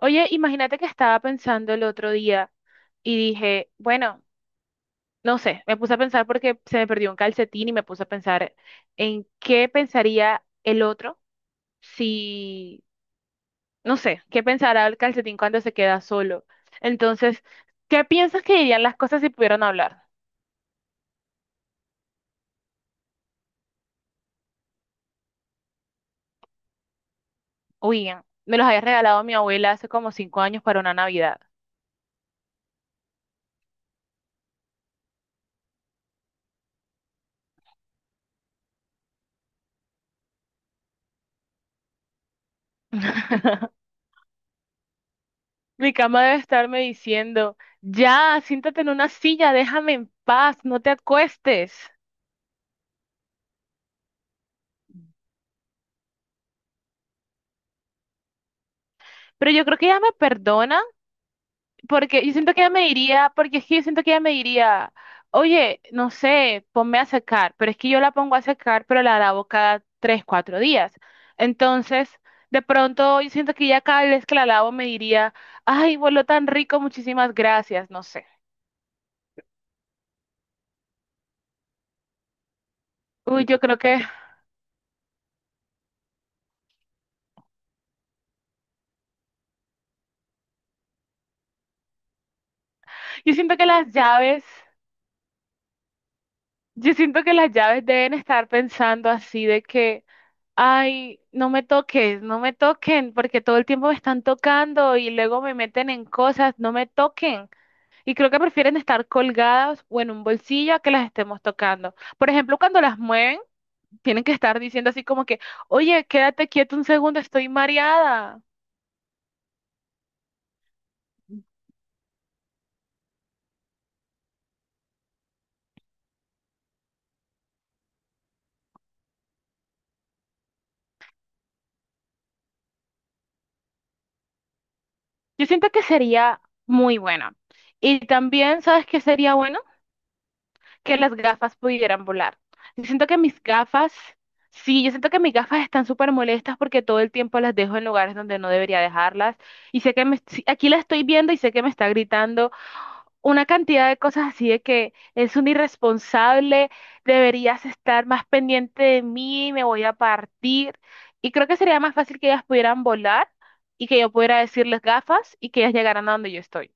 Oye, imagínate que estaba pensando el otro día y dije, bueno, no sé, me puse a pensar porque se me perdió un calcetín y me puse a pensar en qué pensaría el otro si, no sé, qué pensará el calcetín cuando se queda solo. Entonces, ¿qué piensas que dirían las cosas si pudieran hablar? Uy, me los había regalado mi abuela hace como 5 años para una Navidad. Mi cama debe estarme diciendo, ya, siéntate en una silla, déjame en paz, no te acuestes. Pero yo creo que ella me perdona, porque yo siento que ella me diría, porque es que yo siento que ella me diría, oye, no sé, ponme a secar, pero es que yo la pongo a secar, pero la lavo cada tres, cuatro días. Entonces, de pronto yo siento que ya cada vez que la lavo me diría, ay, voló tan rico, muchísimas gracias, no sé. Uy, yo creo que, yo siento que las llaves, deben estar pensando así de que... Ay, no me toques, no me toquen, porque todo el tiempo me están tocando y luego me meten en cosas, no me toquen. Y creo que prefieren estar colgadas o en un bolsillo a que las estemos tocando. Por ejemplo, cuando las mueven, tienen que estar diciendo así como que, oye, quédate quieto un segundo, estoy mareada. Yo siento que sería muy bueno. Y también, ¿sabes qué sería bueno? Que las gafas pudieran volar. Yo siento que mis gafas, sí, yo siento que mis gafas están súper molestas porque todo el tiempo las dejo en lugares donde no debería dejarlas. Y sé que me, sí, aquí la estoy viendo y sé que me está gritando una cantidad de cosas así de que es un irresponsable, deberías estar más pendiente de mí, me voy a partir. Y creo que sería más fácil que ellas pudieran volar y que yo pudiera decirles gafas y que ellas llegaran a donde yo estoy.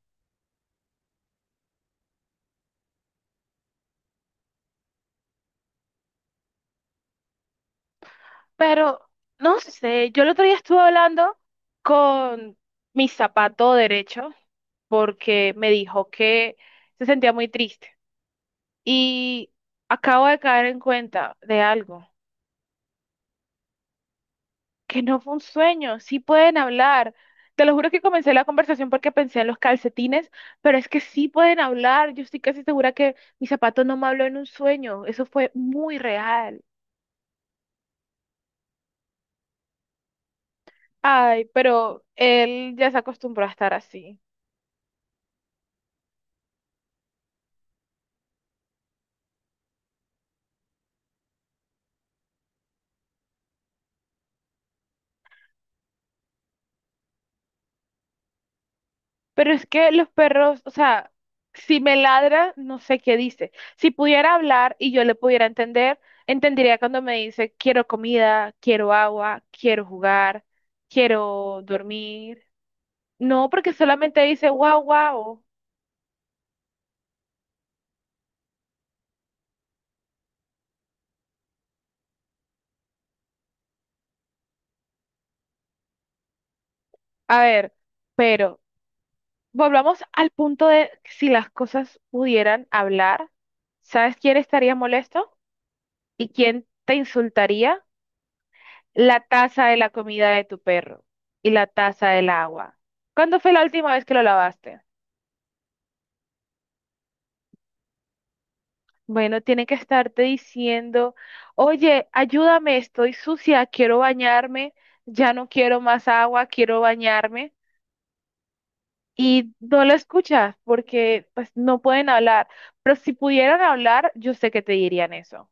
Pero no sé, yo el otro día estuve hablando con mi zapato derecho porque me dijo que se sentía muy triste y acabo de caer en cuenta de algo, que no fue un sueño, sí pueden hablar. Te lo juro que comencé la conversación porque pensé en los calcetines, pero es que sí pueden hablar. Yo estoy casi segura que mi zapato no me habló en un sueño, eso fue muy real. Ay, pero él ya se acostumbró a estar así. Pero es que los perros, o sea, si me ladra, no sé qué dice. Si pudiera hablar y yo le pudiera entender, entendería cuando me dice, quiero comida, quiero agua, quiero jugar, quiero dormir. No, porque solamente dice, guau, guau. A ver, pero volvamos al punto de si las cosas pudieran hablar, ¿sabes quién estaría molesto? ¿Y quién te insultaría? La taza de la comida de tu perro y la taza del agua. ¿Cuándo fue la última vez que lo lavaste? Bueno, tiene que estarte diciendo, oye, ayúdame, estoy sucia, quiero bañarme, ya no quiero más agua, quiero bañarme. Y no lo escuchas porque pues no pueden hablar. Pero si pudieran hablar, yo sé que te dirían eso.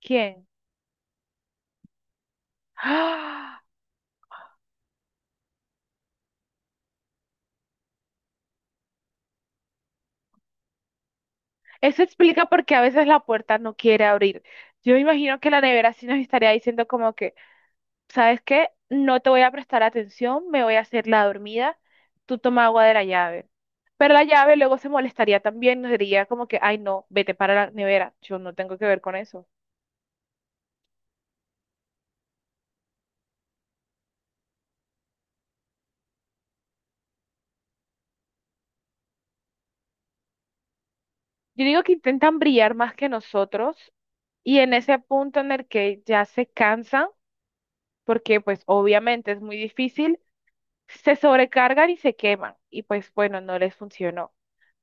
¿Quién? ¡Ah! Eso explica por qué a veces la puerta no quiere abrir. Yo me imagino que la nevera sí nos estaría diciendo como que... ¿Sabes qué? No te voy a prestar atención, me voy a hacer la dormida, tú toma agua de la llave. Pero la llave luego se molestaría también, nos diría como que, ay no, vete para la nevera, yo no tengo que ver con eso. Yo digo que intentan brillar más que nosotros y en ese punto en el que ya se cansan, porque pues obviamente es muy difícil, se sobrecargan y se queman y pues bueno, no les funcionó.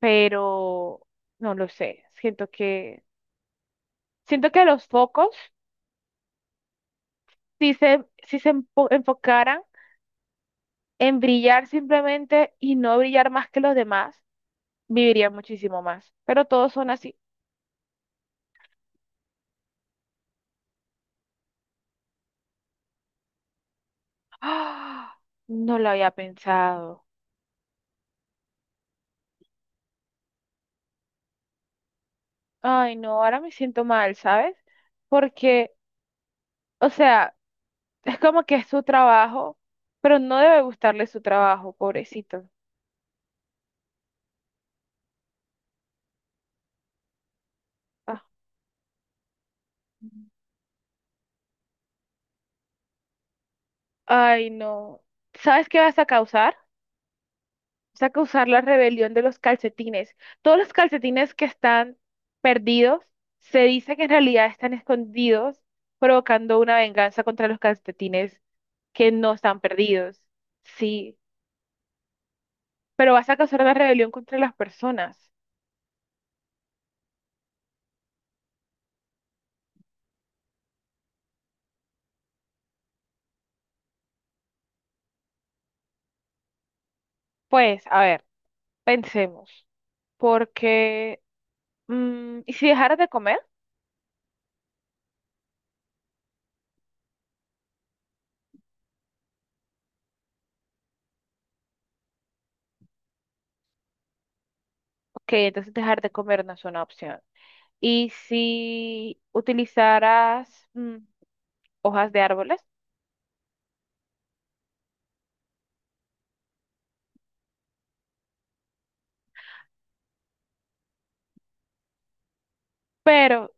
Pero no lo sé, siento que los focos... si se enfocaran en brillar simplemente y no brillar más que los demás, vivirían muchísimo más. Pero todos son así. ¡Ah! No lo había pensado. Ay, no, ahora me siento mal, ¿sabes? Porque, o sea, es como que es su trabajo, pero no debe gustarle su trabajo, pobrecito. Ah. Ay, no. ¿Sabes qué vas a causar? Vas a causar la rebelión de los calcetines. Todos los calcetines que están perdidos se dice que en realidad están escondidos, provocando una venganza contra los calcetines que no están perdidos. Sí, pero vas a causar una rebelión contra las personas. Pues, a ver, pensemos, porque, ¿y si dejaras de comer? Ok, entonces dejar de comer no es una opción. ¿Y si utilizaras, hojas de árboles? Pero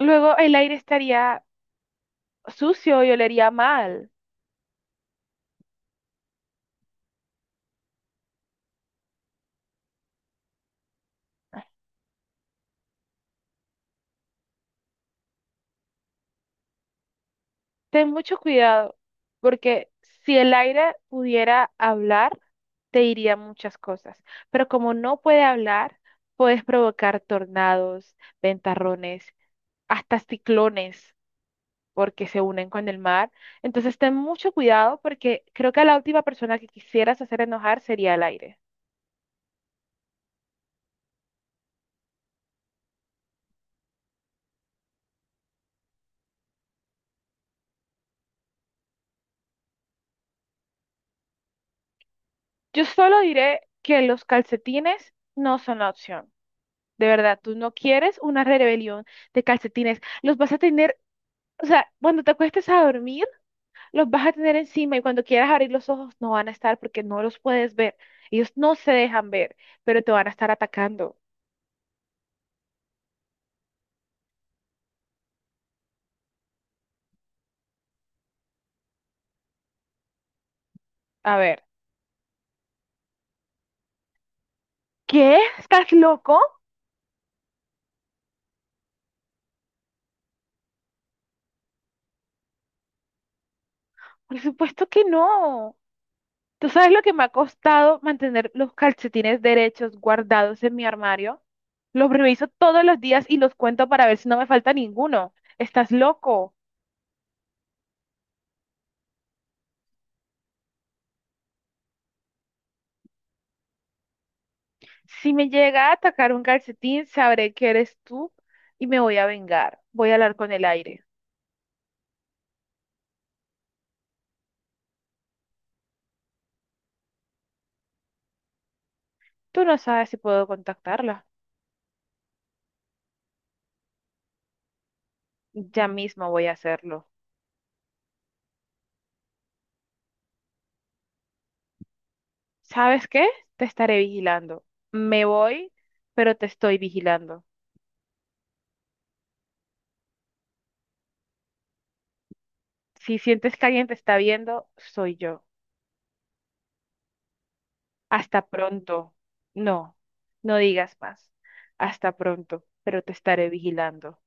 luego el aire estaría sucio y olería mal. Ten mucho cuidado, porque si el aire pudiera hablar, te diría muchas cosas. Pero como no puede hablar, puedes provocar tornados, ventarrones, hasta ciclones, porque se unen con el mar. Entonces ten mucho cuidado, porque creo que la última persona que quisieras hacer enojar sería el aire. Yo solo diré que los calcetines no son la opción. De verdad, tú no quieres una rebelión de calcetines. Los vas a tener, o sea, cuando te acuestes a dormir, los vas a tener encima y cuando quieras abrir los ojos no van a estar porque no los puedes ver. Ellos no se dejan ver, pero te van a estar atacando. A ver, ¿qué? ¿Estás loco? Por supuesto que no. ¿Tú sabes lo que me ha costado mantener los calcetines derechos guardados en mi armario? Los reviso todos los días y los cuento para ver si no me falta ninguno. ¿Estás loco? Si me llega a atacar un calcetín, sabré que eres tú y me voy a vengar. Voy a hablar con el aire. Tú no sabes si puedo contactarla. Ya mismo voy a hacerlo. ¿Sabes qué? Te estaré vigilando. Me voy, pero te estoy vigilando. Si sientes que alguien te está viendo, soy yo. Hasta pronto. No, no digas más. Hasta pronto, pero te estaré vigilando.